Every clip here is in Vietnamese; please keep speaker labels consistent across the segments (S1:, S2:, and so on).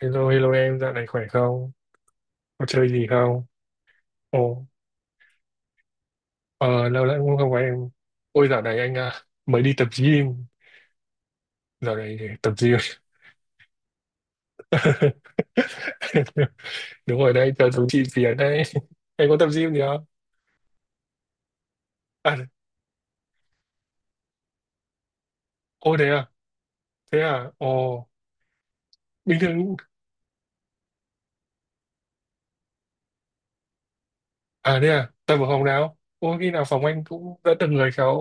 S1: Hello, hello em, dạo này khỏe không? Có chơi gì không? Ồ, ờ, lâu lắm cũng không có em. Ôi, dạo này anh à, mới đi tập gym. Dạo này tập gym. Đúng rồi đấy, cho chú chị Việt đấy. Em có tập gym gì không? À, ô thế à? Thế à? Ồ, bình thường... À thế à? Tập ở phòng nào? Ôi, khi nào phòng anh cũng đã từng người khéo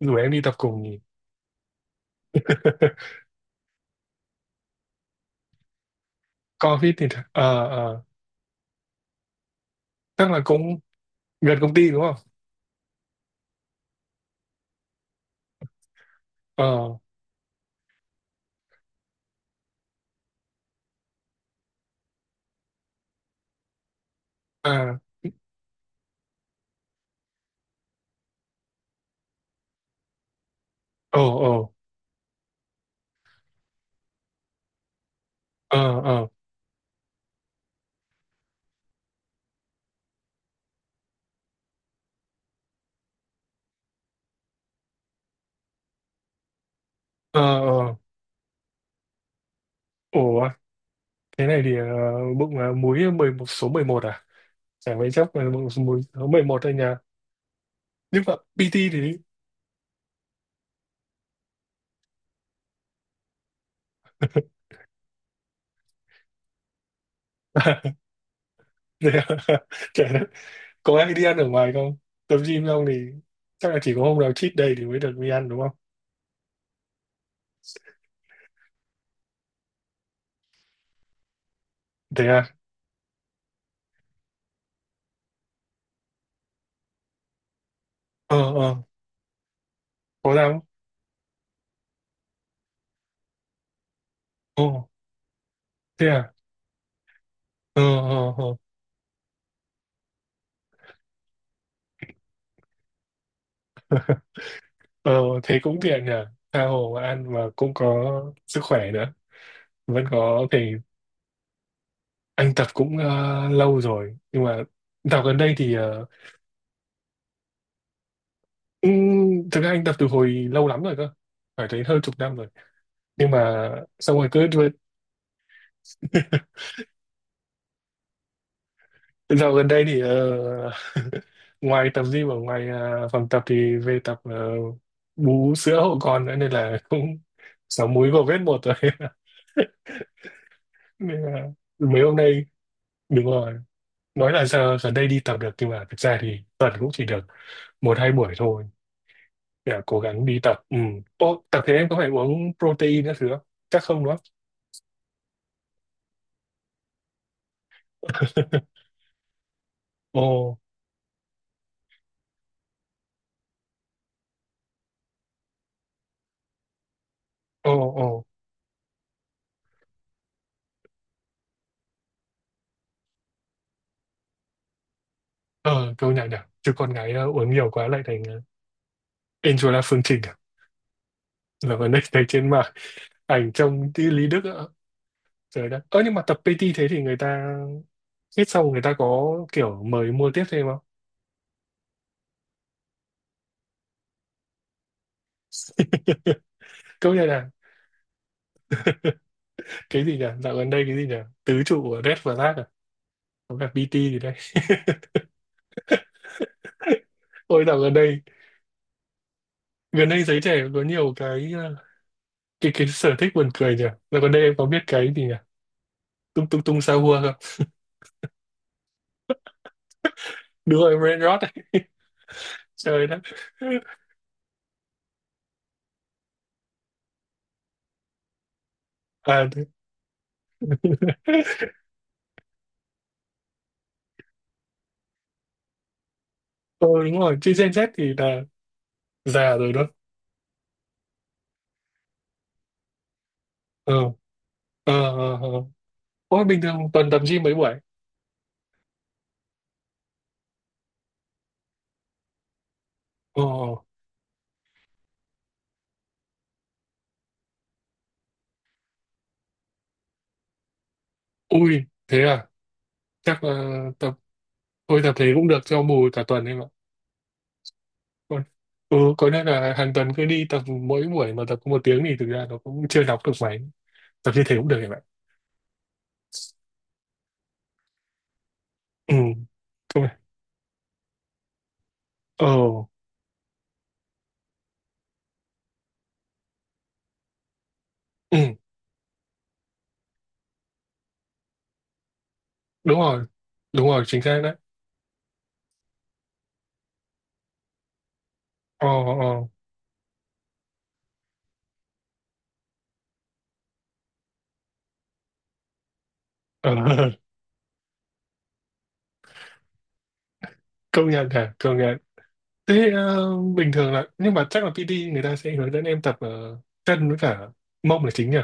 S1: rủ em đi tập cùng nhỉ? Covid thì... Ờ, ờ, chắc là cũng gần công ty đúng không? Ờ, à, ờ, ờ. Ờ, ờ, ờ, ờ. Ủa thế này thì bụng múi 11 số 11 à, chả mấy chốc là bụng múi số 11 thôi nhờ, nhưng mà PT thì à, thế à? Chả đất. Có ai đi ăn ở ngoài không? Tập gym xong thì chắc là chỉ có hôm nào cheat day thì mới được đi ăn đúng không? Thế à. Ờ, ờ. Có ra không? Ồ, thế à. Ờ, ờ, ờ. Ờ, thế cũng tiện nhờ, tha hồ mà ăn mà cũng có sức khỏe nữa, vẫn có thể. Anh tập cũng lâu rồi, nhưng mà tập gần đây thì thực ra anh tập từ hồi lâu lắm rồi cơ, phải tới hơn chục năm rồi, nhưng mà xong rồi cứ dạo gần đây thì ngoài tập gym ở ngoài phòng tập thì về tập bú sữa hộ con nữa nên là cũng sáu múi vào vết một rồi nên là mấy hôm nay. Đúng rồi, nói là giờ gần đây đi tập được nhưng mà thực ra thì tuần cũng chỉ được một hai buổi thôi. Dạ, cố gắng đi tập. Ừ. Ô, tập thế em có phải uống protein các thứ không? Chắc không đúng không? Ồ, ồ, ồ. Ờ, Câu nhạc nhỉ. Chứ con gái uống nhiều quá lại thành Angela Phương Trình à? Là vấn đề thấy trên mạng, ảnh trông như Lý Đức ạ. Trời đất. Ơ, nhưng mà tập PT thế thì người ta hết xong người ta có kiểu mời mua tiếp thêm không? Câu nhạc là cái gì nhỉ? Dạo gần đây cái gì nhỉ? Tứ trụ của Red Flag à? Có cả PT gì đây? Ôi, dạo gần đây giới trẻ có nhiều cái ờ, cái sở thích buồn cười nhỉ. Rồi còn đây em có biết cái gì nhỉ, tung tung tung sao hua không? Đúng rồi, brain rot ấy. Trời đất. À, Ờ, đúng rồi, chứ Gen Z thì là già rồi đó. Ờ, ờ, ờ, ờ. Ôi, bình thường tuần tập gym mấy buổi? Ờ. Ui, thế à, chắc là tập. Thôi tập thế cũng được cho bù cả tuần em ạ. Còn- ừ, có, nên là hàng tuần cứ đi tập mỗi buổi mà tập có 1 tiếng thì thực ra nó cũng chưa đọc được mấy. Tập như thế cũng được em ạ. Ừ. Không ạ. Ờ. Ừ. Đúng rồi. Đúng rồi, chính xác đấy. Ờ, ờ, ờ. Công nhận hả, công nhận. Thế bình thường là nhưng mà chắc là PT người ta sẽ hướng dẫn em tập chân với cả mông là chính nhỉ.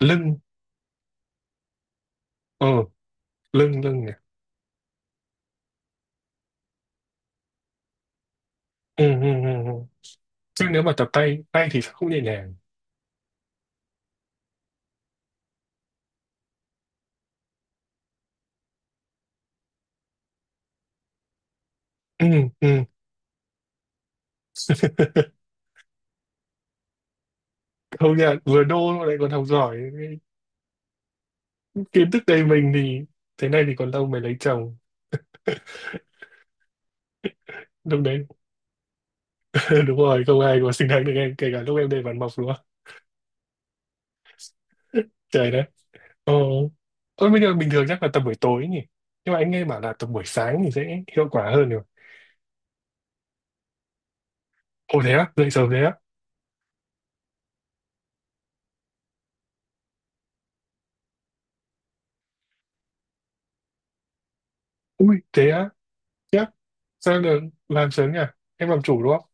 S1: Lưng. ờ Lưng lưng nhỉ. Ừ, ừ, ừ. Ừ. Chứ nếu mà tập tay tay thì sao không nhẹ nhàng? Ừ, ừ. Công nhận vừa đô mà lại còn học giỏi, kiến thức đầy mình thì thế này thì còn lâu mới lấy chồng lúc đấy. Đúng rồi, không ai có xứng đáng được em kể cả lúc em đầy bản mộc luôn. Trời đất. Ờ, tôi bây giờ bình thường chắc là tập buổi tối nhỉ. Nhưng mà anh nghe bảo là tập buổi sáng thì sẽ hiệu quả hơn rồi. Ồ thế á, dậy sớm thế á. Ui, thế á, chắc. Sao được làm sớm nhỉ? Em làm chủ đúng không?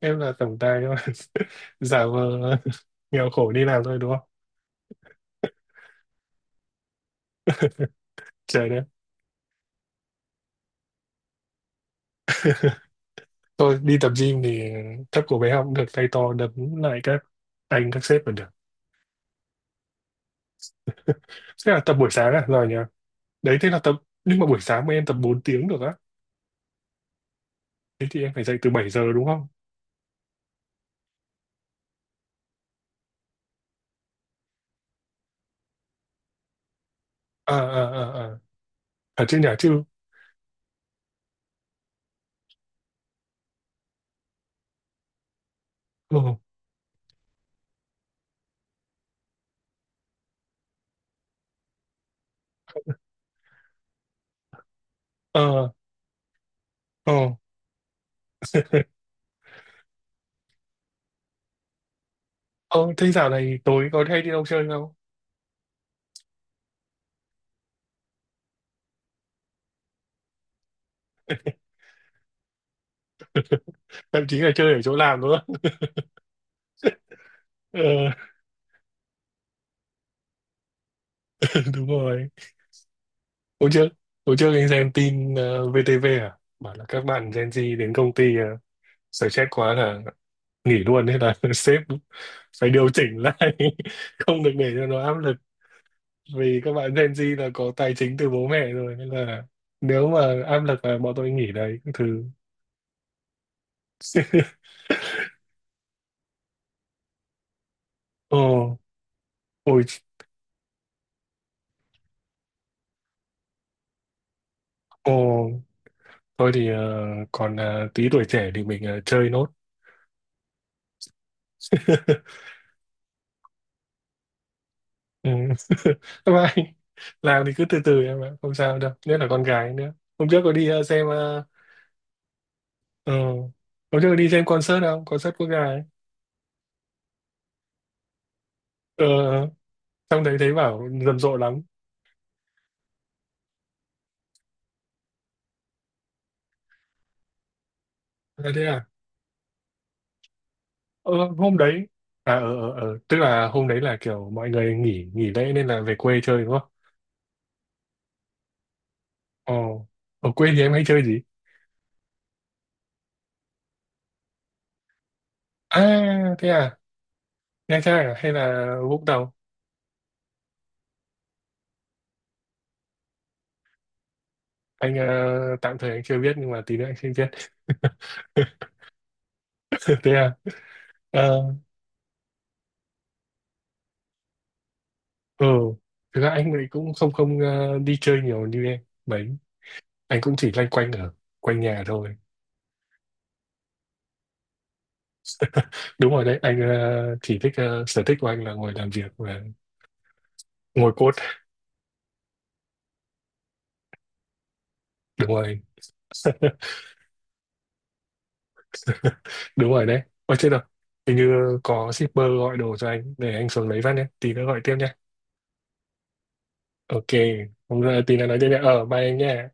S1: Em là tổng tài nhưng mà giả vờ nghèo khổ đi làm thôi đúng không? Trời đất. Tôi đi tập gym thì thấp của bé học cũng được, tay to đấm lại các anh các sếp là được. Thế là tập buổi sáng à? Rồi nhỉ? Đấy thế là tập, nhưng mà buổi sáng mà em tập 4 tiếng được á. Thế thì em phải dậy từ 7 giờ đúng không? À, à, à, à. Thật chứ nhỉ, chứ. ờ ờ ờ ờ Thế dạo này tối có hay đi đâu chơi không? Thậm chí là chơi ở chỗ làm nữa. Ờ. Đúng rồi. Hôm trước hôm trước anh xem tin VTV à, bảo là các bạn Gen Z đến công ty, uh, stress quá là nghỉ luôn, thế là sếp phải điều chỉnh lại, không được để cho nó áp lực, vì các bạn Gen Z là có tài chính từ bố mẹ rồi nên là nếu mà áp lực là bọn tôi nghỉ đấy thứ. Ồ. Ôi. Ồ. Thôi thì còn tí tuổi trẻ thì mình chơi nốt. Ừ. Các bạn làm thì cứ từ từ em ạ, không sao đâu. Nhất là con gái nữa. Hôm trước có đi ờ, xem ờ, ờ, Hôm trước có đi xem concert không? Concert quốc gia ấy. Ờ, Trong đấy thấy bảo rầm rộ lắm. À, thế à? Ờ, hôm đấy à ờ ờ ờ, Tức là hôm đấy là kiểu mọi người nghỉ nghỉ lễ nên là về quê chơi đúng không? Ồ, ở quê thì em hay chơi gì? À thế à, Nha Trang à hay là Vũng Tàu? Anh tạm thời anh chưa biết nhưng mà tí nữa anh sẽ biết. Thế à. Ờ. Ừ. Thực ra anh ấy cũng không không đi chơi nhiều như em mấy. Anh cũng chỉ loanh quanh ở quanh nhà thôi. Đúng rồi đấy, anh chỉ thích sở thích của anh là ngồi làm việc và ngồi code. Đúng rồi. Đúng rồi đấy, ôi chết rồi, hình như có shipper gọi đồ cho anh, để anh xuống lấy phát nhé, tí nữa gọi tiếp nhé. Ok. Hôm giờ tí nữa nói tiếp nhé, bye anh nhé.